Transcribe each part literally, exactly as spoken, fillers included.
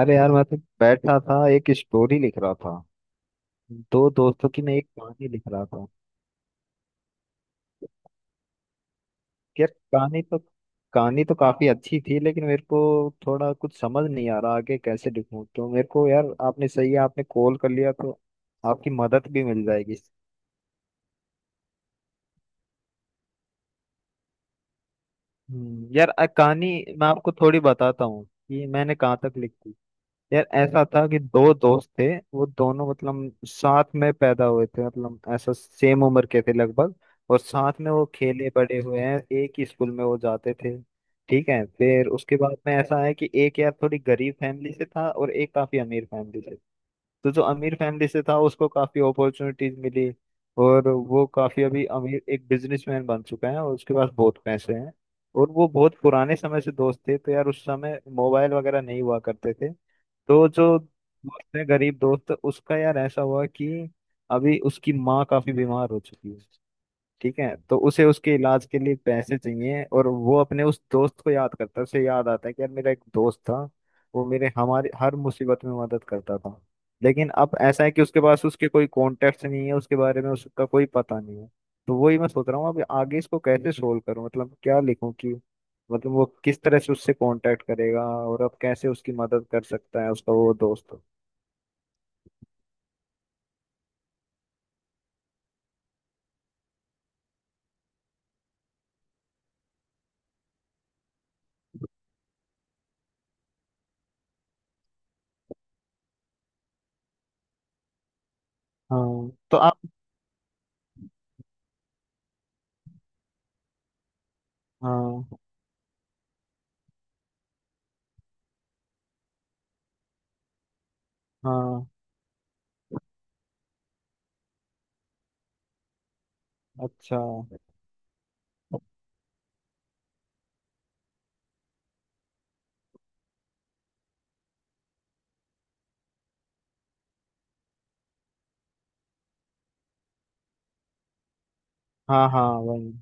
अरे यार मैं तो बैठा था एक स्टोरी लिख रहा था। दो दोस्तों की मैं एक कहानी लिख रहा था। यार कहानी तो कहानी तो काफी अच्छी थी लेकिन मेरे को थोड़ा कुछ समझ नहीं आ रहा आगे कैसे लिखूं। तो मेरे को यार आपने सही है, आपने कॉल कर लिया तो आपकी मदद भी मिल जाएगी। हम्म, यार अ, कहानी मैं आपको थोड़ी बताता हूँ कि मैंने कहाँ तक लिखी। यार ऐसा था कि दो दोस्त थे। वो दोनों मतलब साथ में पैदा हुए थे, मतलब ऐसा सेम उम्र के थे लगभग। और साथ में वो खेले बड़े हुए हैं, एक ही स्कूल में वो जाते थे। ठीक है, फिर उसके बाद में ऐसा है कि एक यार थोड़ी गरीब फैमिली से था और एक काफी अमीर फैमिली से। तो जो अमीर फैमिली से था उसको काफी अपॉर्चुनिटीज मिली और वो काफी अभी अमीर एक बिजनेसमैन बन चुका है और उसके पास बहुत पैसे हैं। और वो बहुत पुराने समय से दोस्त थे, तो यार उस समय मोबाइल वगैरह नहीं हुआ करते थे। तो जो दोस्त है गरीब दोस्त उसका यार ऐसा हुआ कि अभी उसकी माँ काफी बीमार हो चुकी है। ठीक है, तो उसे उसके इलाज के लिए पैसे चाहिए और वो अपने उस दोस्त को याद करता है। उसे याद आता है कि यार मेरा एक दोस्त था, वो मेरे हमारे हर मुसीबत में मदद करता था। लेकिन अब ऐसा है कि उसके पास उसके कोई कॉन्टेक्ट नहीं है, उसके बारे में उसका कोई पता नहीं है। तो वही मैं सोच रहा हूँ अब आगे इसको कैसे सोल्व करूँ, मतलब क्या लिखूँ कि मतलब वो किस तरह से उससे कांटेक्ट करेगा और अब कैसे उसकी मदद कर सकता है उसका वो दोस्त। हाँ तो आप। हाँ। हाँ। अच्छा। हाँ, हाँ, वही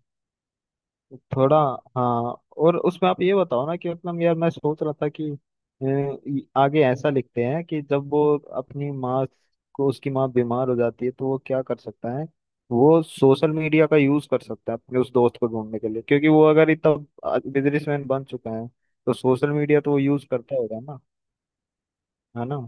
थोड़ा। हाँ। और उसमें आप ये बताओ ना कि मतलब यार मैं सोच रहा था कि अ, ये आगे ऐसा लिखते हैं कि जब वो अपनी माँ को उसकी माँ बीमार हो जाती है तो वो क्या कर सकता है। वो सोशल मीडिया का यूज कर सकता है अपने उस दोस्त को ढूंढने के लिए, क्योंकि वो अगर इतना बिजनेसमैन बन चुका है तो सोशल मीडिया तो वो यूज करता होगा ना। है ना।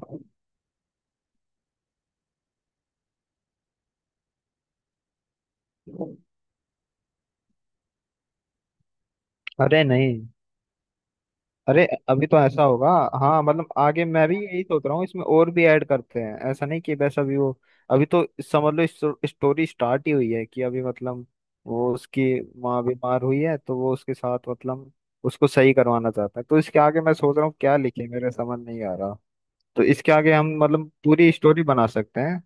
अरे नहीं, अरे अभी तो ऐसा होगा। हाँ मतलब आगे मैं भी यही सोच रहा हूँ, इसमें और भी ऐड करते हैं, ऐसा नहीं कि बस अभी वो। अभी तो समझ लो स्टोरी स्टार्ट ही हुई है कि अभी मतलब वो उसकी माँ बीमार हुई है तो वो उसके साथ मतलब उसको सही करवाना चाहता है। तो इसके आगे मैं सोच रहा हूँ क्या लिखे, मेरे समझ नहीं आ रहा। तो इसके आगे हम मतलब पूरी स्टोरी बना सकते हैं।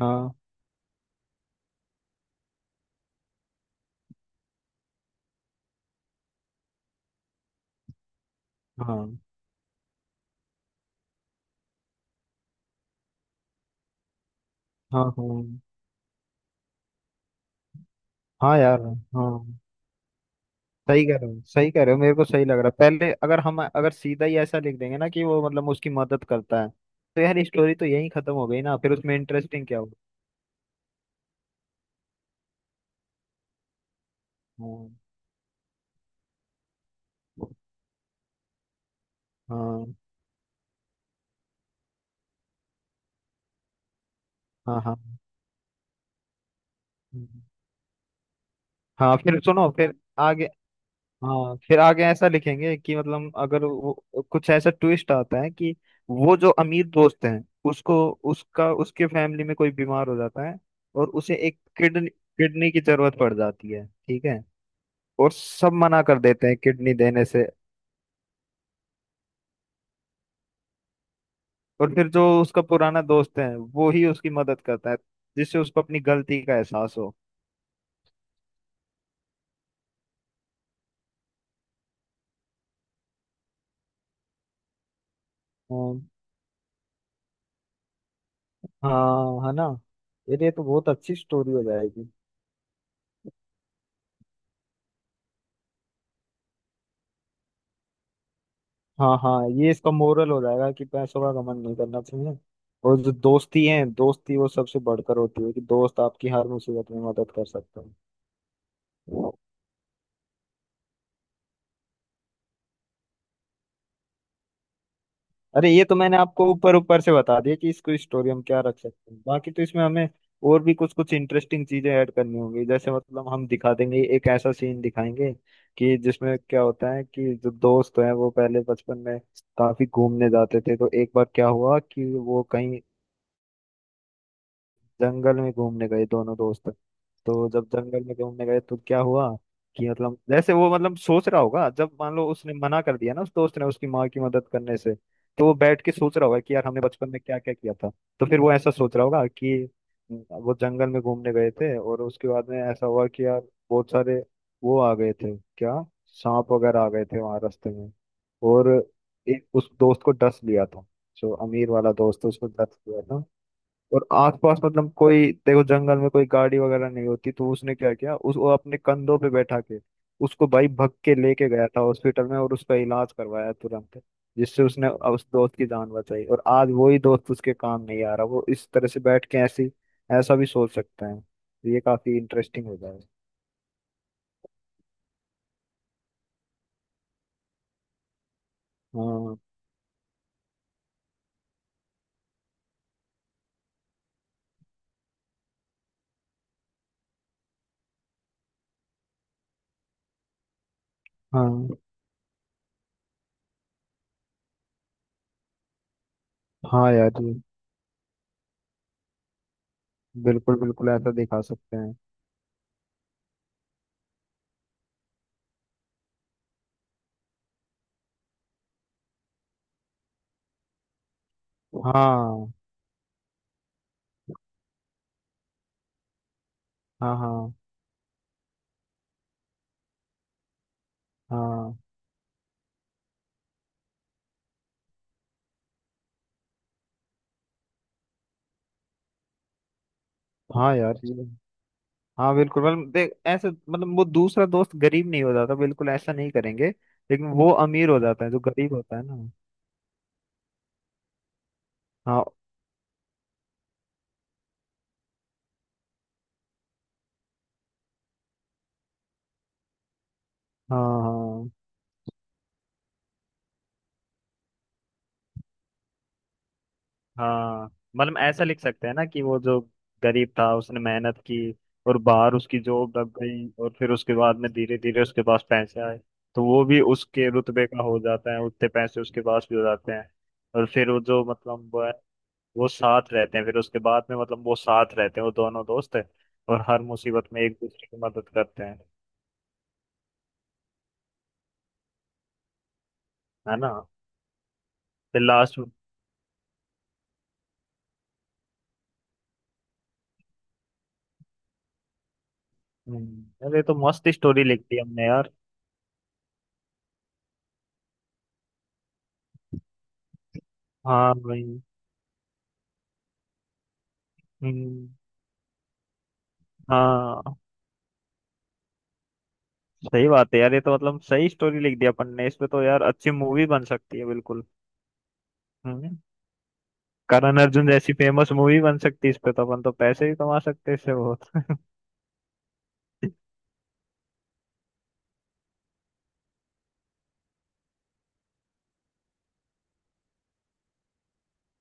हाँ। हाँ। हाँ। हाँ। हाँ यार। हाँ, सही कह रहे हो, सही कह रहे हो, मेरे को सही लग रहा है। पहले अगर हम अगर सीधा ही ऐसा लिख देंगे ना कि वो मतलब उसकी मदद करता है तो यार स्टोरी तो यहीं खत्म हो गई ना, फिर उसमें इंटरेस्टिंग क्या होगा। हाँ हाँ। हाँ। हाँ। हम्म। हाँ, फिर सुनो फिर आगे। हाँ फिर आगे ऐसा लिखेंगे कि मतलब अगर वो कुछ ऐसा ट्विस्ट आता है कि वो जो अमीर दोस्त हैं उसको उसका उसके फैमिली में कोई बीमार हो जाता है और उसे एक किडनी किडनी की जरूरत पड़ जाती है। ठीक है, और सब मना कर देते हैं किडनी देने से। और फिर जो उसका पुराना दोस्त है वो ही उसकी मदद करता है, जिससे उसको अपनी गलती का एहसास हो। हाँ, हाँ, है ना। यार ये तो बहुत अच्छी स्टोरी हो जाएगी। हाँ हाँ, ये इसका मोरल हो जाएगा कि पैसों का घमंड नहीं करना चाहिए। और जो दोस्ती है, दोस्ती वो सबसे बढ़कर होती है कि दोस्त आपकी हर मुसीबत में मदद कर सकता है। अरे ये तो मैंने आपको ऊपर ऊपर से बता दिया कि इसको स्टोरी हम क्या रख सकते हैं, बाकी तो इसमें हमें और भी कुछ कुछ इंटरेस्टिंग चीजें ऐड करनी होंगी। जैसे मतलब हम दिखा देंगे एक ऐसा सीन दिखाएंगे कि जिसमें क्या होता है कि जो दोस्त हैं वो पहले बचपन में काफी घूमने जाते थे। तो एक बार क्या हुआ कि वो कहीं जंगल में घूमने गए दोनों दोस्त। तो जब जंगल में घूमने गए तो क्या हुआ कि मतलब जैसे वो मतलब सोच रहा होगा जब मान लो उसने मना कर दिया ना उस दोस्त ने उसकी माँ की मदद करने से, तो वो बैठ के सोच रहा होगा कि यार हमने बचपन में क्या क्या किया था। तो फिर वो ऐसा सोच रहा होगा कि वो जंगल में घूमने गए थे और उसके बाद में ऐसा हुआ कि यार बहुत सारे वो आ गए थे क्या, सांप वगैरह आ गए थे वहां रास्ते में। और एक उस दोस्त को डस लिया था, जो अमीर वाला दोस्त था, उसको डस लिया था। और आसपास मतलब कोई देखो जंगल में कोई गाड़ी वगैरह नहीं होती, तो उसने क्या किया उस वो अपने कंधों पे बैठा के उसको भाई भग के लेके गया था हॉस्पिटल में और उसका इलाज करवाया तुरंत, जिससे उसने उस दोस्त की जान बचाई। और आज वही दोस्त उसके काम नहीं आ रहा, वो इस तरह से बैठ के ऐसी ऐसा भी सोच सकते हैं। ये काफी इंटरेस्टिंग हो जाएगा। हाँ। हाँ। हाँ यार जी, बिल्कुल बिल्कुल ऐसा दिखा सकते हैं। हाँ। हाँ। हाँ। हाँ। हाँ यार जी, हाँ बिल्कुल। मतलब देख ऐसे मतलब वो दूसरा दोस्त गरीब नहीं हो जाता, बिल्कुल ऐसा नहीं करेंगे। लेकिन वो अमीर हो जाता है जो गरीब होता है ना। हाँ। हाँ। हाँ। हाँ मतलब ऐसा लिख सकते हैं ना कि वो जो गरीब था उसने मेहनत की और बाहर उसकी जॉब लग गई, और फिर उसके बाद में धीरे धीरे उसके पास पैसे आए। तो वो भी उसके रुतबे का हो जाता है, उतने पैसे उसके पास भी हो जाते हैं। और फिर वो जो मतलब वो साथ रहते हैं, फिर उसके बाद में मतलब वो साथ रहते हैं वो दोनों दोस्त है और हर मुसीबत में एक दूसरे की मदद करते हैं। है ना। फिर लास्ट। अरे तो मस्त स्टोरी लिख दी हमने यार। हाँ भाई। हम्म, हाँ सही बात है यार, ये तो मतलब सही स्टोरी लिख दी अपन ने। इस पे तो यार अच्छी मूवी बन सकती है बिल्कुल। हम्म, करण अर्जुन जैसी फेमस मूवी बन सकती है इस पे, तो अपन तो पैसे भी कमा सकते हैं इससे बहुत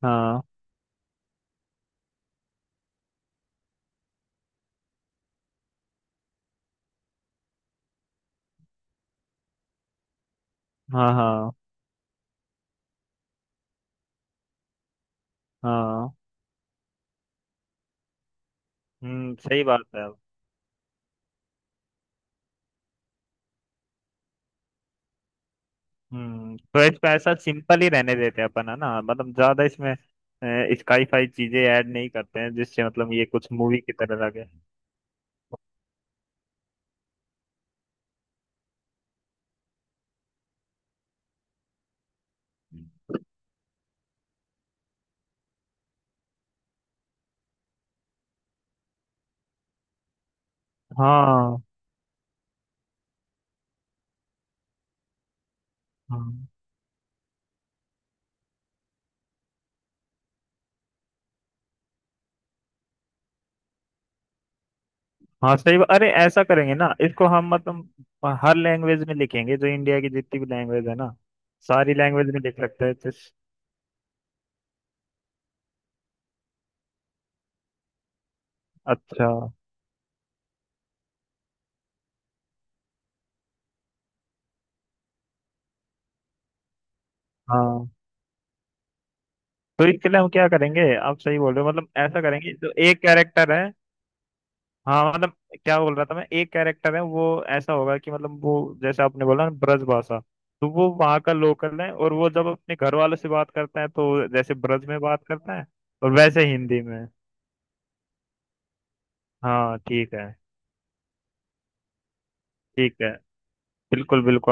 हाँ। हाँ। हाँ हाँ हम्म, सही बात है। हम्म, तो इसको ऐसा सिंपल ही रहने देते हैं अपन, है ना। मतलब ज्यादा इसमें स्काई फाई चीजें ऐड नहीं करते हैं जिससे मतलब ये कुछ मूवी की तरह लगे। हाँ, हाँ, हाँ सही बात- अरे ऐसा करेंगे ना इसको हम, मतलब हर लैंग्वेज में लिखेंगे जो इंडिया की जितनी भी लैंग्वेज है ना, सारी लैंग्वेज में लिख सकते हैं। अच्छा। हाँ, तो इसके लिए हम क्या करेंगे। आप सही बोल रहे हो, मतलब ऐसा करेंगे जो एक कैरेक्टर है। हाँ मतलब क्या बोल रहा था मैं एक कैरेक्टर है वो, ऐसा होगा कि मतलब वो जैसे आपने बोला ना ब्रजभाषा, तो वो वहाँ का लोकल है और वो जब अपने घर वालों से बात करता है तो जैसे ब्रज में बात करता है, और वैसे हिंदी में। हाँ ठीक है। ठीक है, बिल्कुल बिल्कुल